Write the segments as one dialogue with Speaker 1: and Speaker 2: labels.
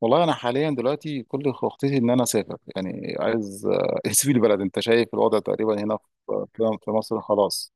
Speaker 1: والله انا حاليا دلوقتي كل خطتي ان انا اسافر. يعني عايز اسيب البلد. انت شايف الوضع تقريبا هنا في مصر خلاص.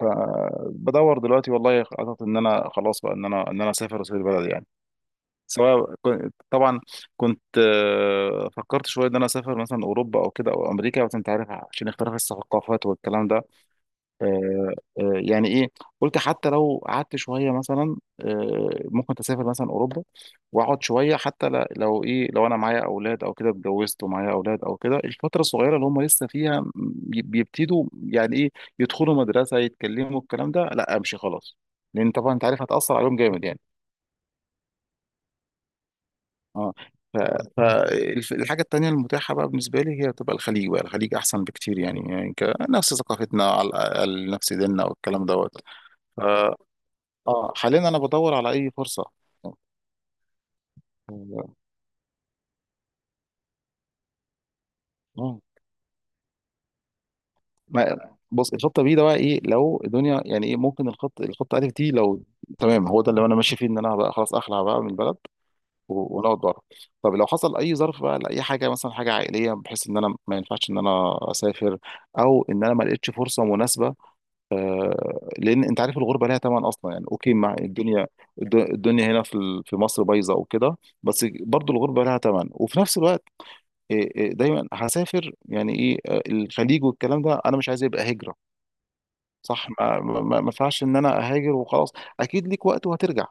Speaker 1: فبدور دلوقتي والله خطط ان انا خلاص بقى ان انا اسافر واسيب البلد يعني. طبعا كنت فكرت شويه ان انا اسافر مثلا اوروبا او كده او امريكا، بس انت عارف عشان اختلاف الثقافات والكلام ده. آه، يعني ايه، قلت حتى لو قعدت شويه مثلا ممكن تسافر مثلا اوروبا واقعد شويه. حتى لو ايه، لو انا معايا اولاد او كده، اتجوزت ومعايا اولاد او كده الفتره الصغيره اللي هم لسه فيها بيبتدوا يعني ايه يدخلوا مدرسه يتكلموا الكلام ده، لا امشي خلاص. لان طبعا انت عارف هتاثر عليهم جامد يعني اه. فالحاجه التانيه المتاحه بقى بالنسبه لي هي بتبقى الخليج بقى، الخليج احسن بكتير يعني، يعني نفس ثقافتنا على الاقل، نفس ديننا والكلام دوت. اه، حاليا انا بدور على اي فرصه. اه آه، ما بص، الخطه بي ده بقى ايه؟ لو الدنيا يعني ايه، ممكن الخطه الف دي لو تمام هو ده اللي انا ماشي فيه، ان انا بقى خلاص اخلع بقى من البلد ونقعد بره. طب لو حصل اي ظرف بقى لاي حاجه، مثلا حاجه عائليه بحيث ان انا ما ينفعش ان انا اسافر، او ان انا ما لقيتش فرصه مناسبه. لان انت عارف الغربه ليها ثمن اصلا يعني. اوكي، مع الدنيا، الدنيا هنا في في مصر بايظه وكده، بس برضو الغربه لها ثمن. وفي نفس الوقت إيه دايما هسافر يعني ايه الخليج والكلام ده، انا مش عايز يبقى هجره. صح، ما ينفعش ان انا اهاجر وخلاص. اكيد ليك وقت وهترجع.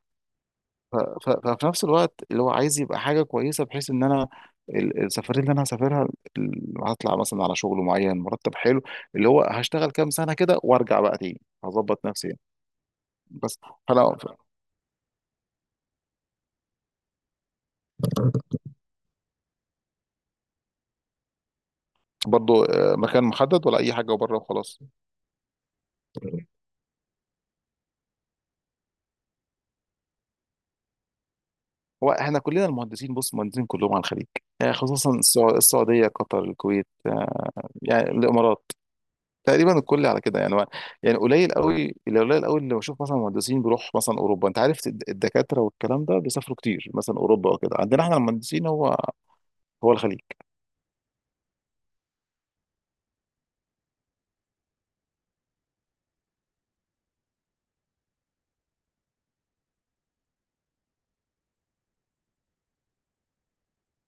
Speaker 1: ففي نفس الوقت اللي هو عايز يبقى حاجه كويسه، بحيث ان انا السفريه اللي انا هسافرها هطلع مثلا على شغل معين مرتب حلو، اللي هو هشتغل كام سنه كده وارجع بقى تاني هظبط نفسي يعني. بس فانا برضو مكان محدد ولا اي حاجه وبره وخلاص؟ هو احنا كلنا المهندسين، بص، مهندسين كلهم على الخليج، يعني خصوصا السعوديه، قطر، الكويت، يعني الامارات. تقريبا الكل على كده يعني يعني قليل قوي اللي، قليل قوي اللي بشوف مثلا مهندسين بيروح مثلا اوروبا. انت عارف الدكاتره والكلام ده بيسافروا كتير مثلا اوروبا وكده، عندنا احنا المهندسين هو الخليج.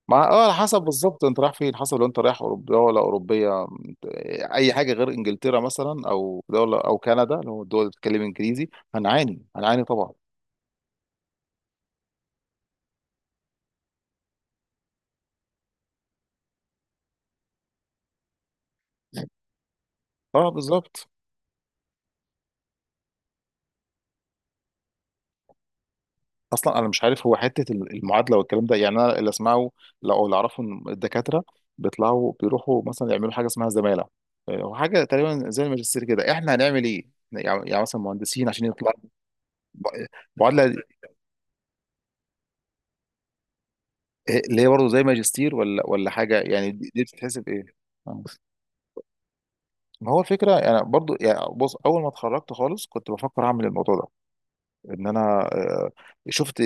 Speaker 1: مع على حسب بالظبط انت رايح فين، حسب لو انت رايح اوروبا ولا اوروبيه اي حاجه غير انجلترا مثلا او دوله او كندا، لو الدول اللي بتتكلم انجليزي هنعاني طبعا. اه بالظبط. اصلا انا مش عارف هو حته المعادله والكلام ده، يعني انا اللي اسمعه او اللي اعرفه ان الدكاتره بيطلعوا بيروحوا مثلا يعملوا حاجه اسمها زماله، وحاجه تقريبا زي الماجستير كده. احنا هنعمل ايه؟ يعني مثلا مهندسين عشان يطلع. ب- معادله اللي هي برضه زي ماجستير ولا حاجه يعني؟ دي بتتحسب ايه؟ آه. ما هو الفكره، انا برضه يعني بص، اول ما اتخرجت خالص كنت بفكر اعمل الموضوع ده، ان انا شفت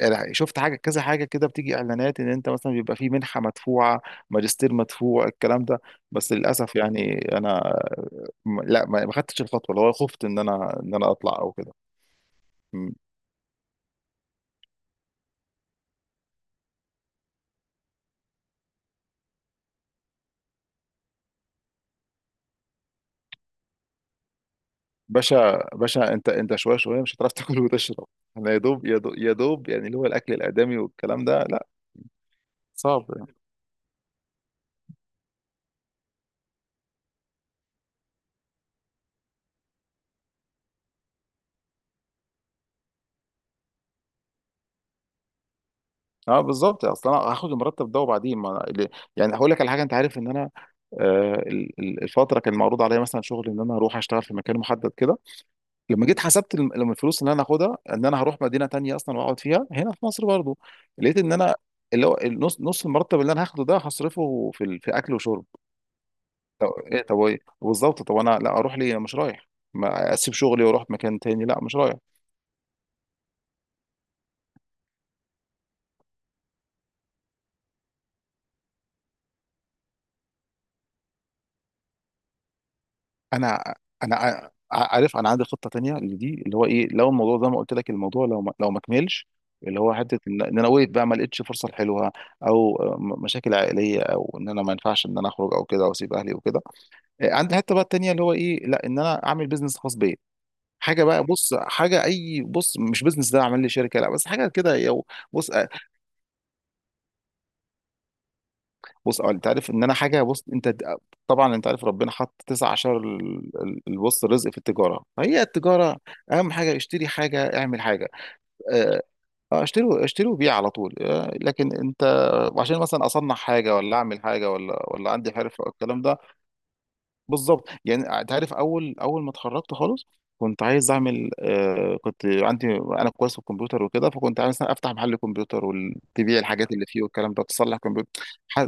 Speaker 1: يعني، شفت حاجه كذا، حاجه كده بتيجي اعلانات ان انت مثلا بيبقى في منحه مدفوعه، ماجستير مدفوع، الكلام ده. بس للاسف يعني انا لا، ما خدتش الخطوه، اللي هو خفت ان انا ان انا اطلع او كده. م. باشا باشا، انت انت شويه شويه مش هتعرف تاكل وتشرب. انا يا دوب يا دوب يا دوب يعني اللي هو الاكل الادمي والكلام ده، لا. صعب. اه بالظبط. اصل انا هاخد المرتب ده وبعدين ما أنا- ال- يعني هقول لك على حاجه. انت عارف ان انا الفتره كان معروض عليا مثلا شغل ان انا اروح اشتغل في مكان محدد كده. لما جيت حسبت لما الفلوس اللي انا هاخدها ان انا هروح مدينه تانية اصلا واقعد فيها، هنا في مصر برضو لقيت ان انا اللي هو النص المرتب اللي انا هاخده ده هصرفه في في اكل وشرب. طب ايه بالظبط، طب انا لا اروح ليه، انا مش رايح. ما اسيب شغلي واروح مكان تاني، لا مش رايح. انا انا عارف انا عندي خطه تانية لدي، اللي هو ايه، لو الموضوع زي ما قلت لك، الموضوع لو ما كملش، اللي هو حته ان إن انا وقفت بقى ما لقيتش فرصه حلوه، او مشاكل عائليه، او ان انا ما ينفعش ان انا اخرج او كده واسيب اهلي وكده، عندي حته بقى التانية اللي هو ايه، لا ان انا اعمل بيزنس خاص بيا. حاجه بقى، بص حاجه اي، بص مش بيزنس ده اعمل لي شركه لا، بس حاجه كده بص بص انت عارف. ان انا حاجه، بص، انت طبعا انت عارف ربنا حط تسع عشر البص رزق في التجاره، هي التجاره اهم حاجه. اشتري حاجه، اعمل حاجه. اه. اشتري وبيع على طول. لكن انت عشان مثلا اصنع حاجه، ولا اعمل حاجه، ولا عندي حرفه او الكلام ده. بالظبط يعني. تعرف اول اول ما اتخرجت خالص كنت عايز اعمل كنت عندي انا كويس في الكمبيوتر وكده، فكنت عايز مثلا افتح محل كمبيوتر وتبيع الحاجات اللي فيه والكلام ده، تصلح كمبيوتر ح-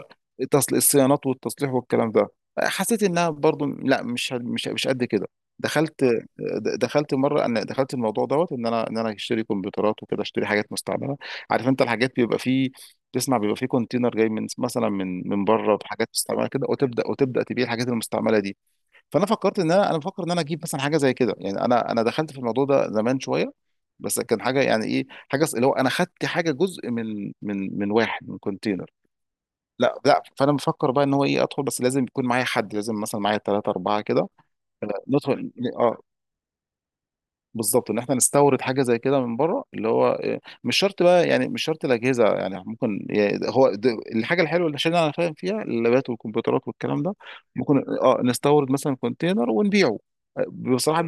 Speaker 1: تصل الصيانات والتصليح والكلام ده. حسيت انها برضو لا، مش مش قد كده. دخلت، د- دخلت مره انا دخلت الموضوع دوت، ان انا ان انا اشتري كمبيوترات وكده، اشتري حاجات مستعمله. عارف انت الحاجات بيبقى فيه، تسمع بيبقى فيه كونتينر جاي من مثلا من بره بحاجات مستعمله كده، وتبدا تبيع الحاجات المستعمله دي. فانا فكرت ان انا، بفكر ان انا اجيب مثلا حاجه زي كده يعني. انا دخلت في الموضوع ده زمان شويه، بس كان حاجه يعني ايه، حاجه اللي هو انا خدت حاجه، جزء من واحد من كونتينر. لا لا، فانا مفكر بقى ان هو ايه، ادخل بس لازم يكون معايا حد، لازم مثلا معايا ثلاثه اربعه كده ندخل. اه بالظبط، ان احنا نستورد حاجه زي كده من بره، اللي هو مش شرط بقى يعني، مش شرط الاجهزه يعني، ممكن يعني الحاجه الحلوه اللي عشان انا فاهم فيها، اللابات والكمبيوترات والكلام ده، ممكن نستورد مثلا كونتينر ونبيعه. بصراحه.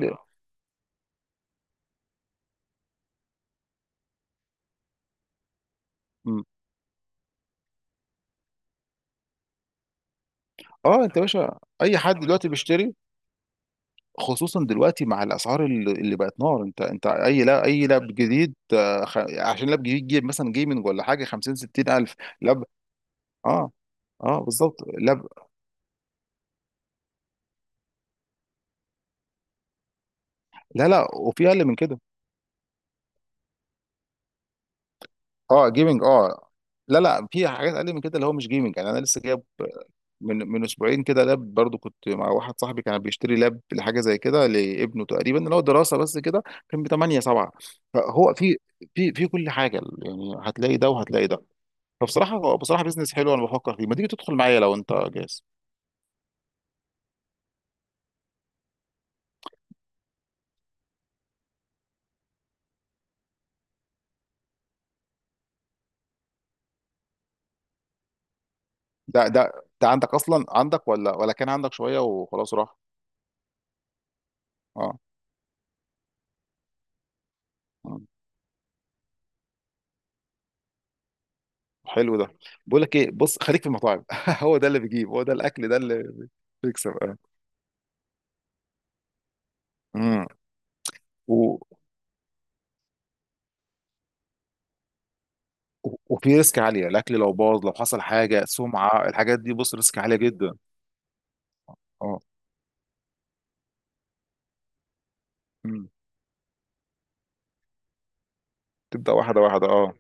Speaker 1: مم. اه، انت يا باشا اي حد دلوقتي بيشتري، خصوصا دلوقتي مع الاسعار اللي بقت نار. انت اي، لا، اي لاب جديد عشان لاب جديد جيب مثلا جيمنج ولا حاجه، 50 60 الف لاب. اه اه بالظبط لاب. لا لا، وفي اقل من كده. اه، جيمنج اه. لا لا، في حاجات اقل من كده اللي هو مش جيمنج يعني. انا لسه جايب من اسبوعين كده لاب، برضو كنت مع واحد صاحبي كان بيشتري لاب لحاجه زي كده لابنه تقريبا اللي هو دراسه بس كده. كان ب 8 7، فهو في كل حاجه يعني، هتلاقي ده وهتلاقي ده. فبصراحه هو، بصراحه بيزنس حلو انا بفكر فيه. ما تيجي تدخل معايا لو انت جاهز؟ ده ده ده عندك اصلا، عندك ولا كان عندك شويه وخلاص راح؟ اه آه. حلو ده. بقول لك ايه، بص خليك في المطاعم هو ده اللي بيجيب، هو ده الاكل ده اللي بيكسب اه. امم. وفي ريسك عالية، الأكل لو باظ، لو حصل حاجة، سمعة، الحاجات دي بص ريسك عالية جدا. اه. مم. تبدأ واحدة واحدة اه.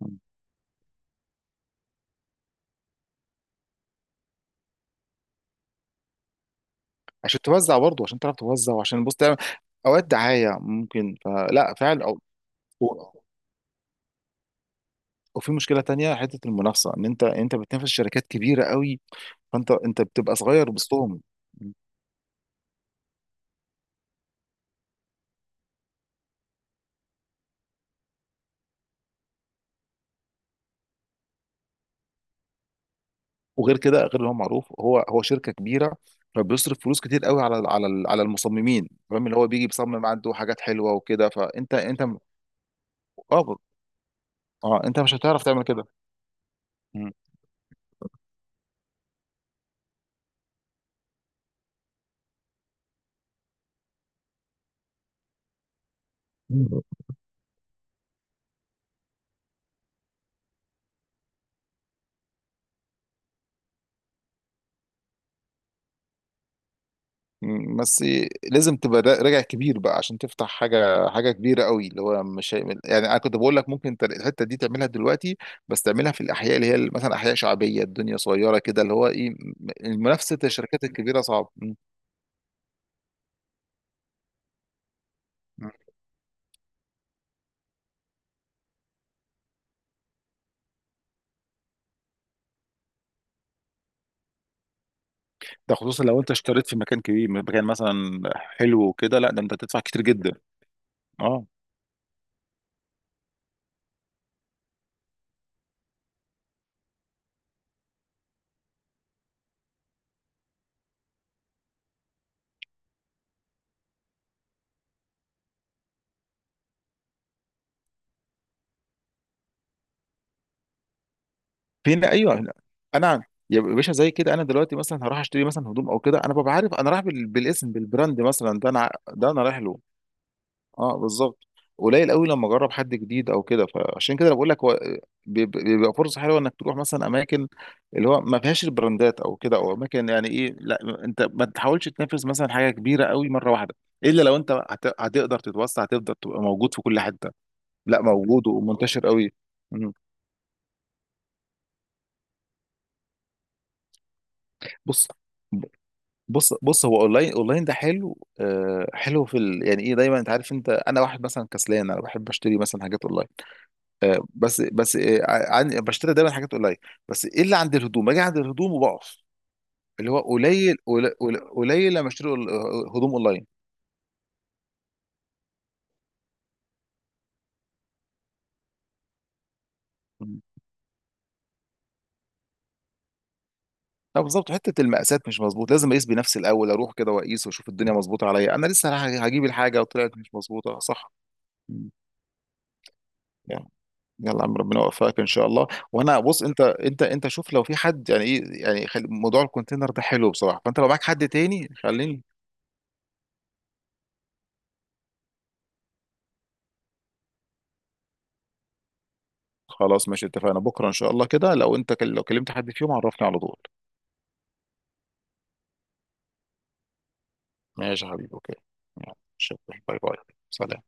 Speaker 1: مم. عشان توزع برضه، عشان تعرف توزع، وعشان بص تعمل أوقات دعاية ممكن، فلا فعلا أو و- وفي مشكلة تانية، حتة المنافسة، إن أنت بتنافس شركات كبيرة قوي، فأنت بتبقى صغير وسطهم. مم. وغير كده، غير اللي هو معروف هو شركة كبيرة، فبيصرف فلوس كتير قوي على المصممين، فاهم؟ اللي هو بيجي بيصمم عنده حاجات حلوة وكده، فأنت اه اه انت مش هتعرف تعمل كده. مم. بس لازم تبقى راجع كبير بقى عشان تفتح حاجه، كبيره قوي، اللي هو مش هيعمل يعني. انا كنت بقول لك ممكن انت الحته دي تعملها دلوقتي، بس تعملها في الاحياء اللي هي مثلا احياء شعبيه، الدنيا صغيره كده اللي هو ايه، منافسه الشركات الكبيره صعب. مم. مم. ده خصوصا لو انت اشتريت في مكان كبير، مكان مثلا حلو وكده، لا ده انت تدفع كتير جدا. اه، فينا، ايوه، لا. انا يا باشا زي كده، انا دلوقتي مثلا هروح اشتري مثلا هدوم او كده، انا ببقى عارف انا رايح بالاسم، بالبراند، مثلا ده انا رايح له. اه بالظبط، قليل قوي لما اجرب حد جديد او كده. فعشان كده أنا بقول لك هو بيبقى فرصه حلوه انك تروح مثلا اماكن اللي هو ما فيهاش البراندات او كده، او اماكن يعني ايه، لا انت ما تحاولش تنافس مثلا حاجه كبيره قوي مره واحده، الا لو انت هتقدر تتوسع، هتقدر تبقى موجود في كل حته. لا موجود ومنتشر قوي. مم. بص بص هو اونلاين، ده حلو حلو في يعني ايه دايما، انت عارف انت، انا واحد مثلا كسلان، انا بحب اشتري مثلا حاجات اونلاين. طب بس، بشتري دايما حاجات اونلاين. بس ايه اللي عند الهدوم، اجي عند الهدوم وبقف، اللي هو قليل قليل قليل لما اشتري هدوم اونلاين. مم. لا بالظبط حته المقاسات مش مظبوط، لازم اقيس بنفسي الاول، اروح كده واقيس واشوف الدنيا مظبوطه عليا. انا لسه رايح هجيب الحاجه وطلعت مش مظبوطه. صح. مم. يلا يا عم، ربنا يوفقك ان شاء الله. وانا بص، انت انت شوف لو في حد يعني ايه، يعني موضوع الكونتينر ده حلو بصراحه، فانت لو معاك حد تاني خليني. خلاص ماشي اتفقنا بكره ان شاء الله كده. لو انت لو كلمت حد فيهم عرفني على طول. ماشي يا حبيبي، اوكي. يلا، شكرا. باي باي. سلام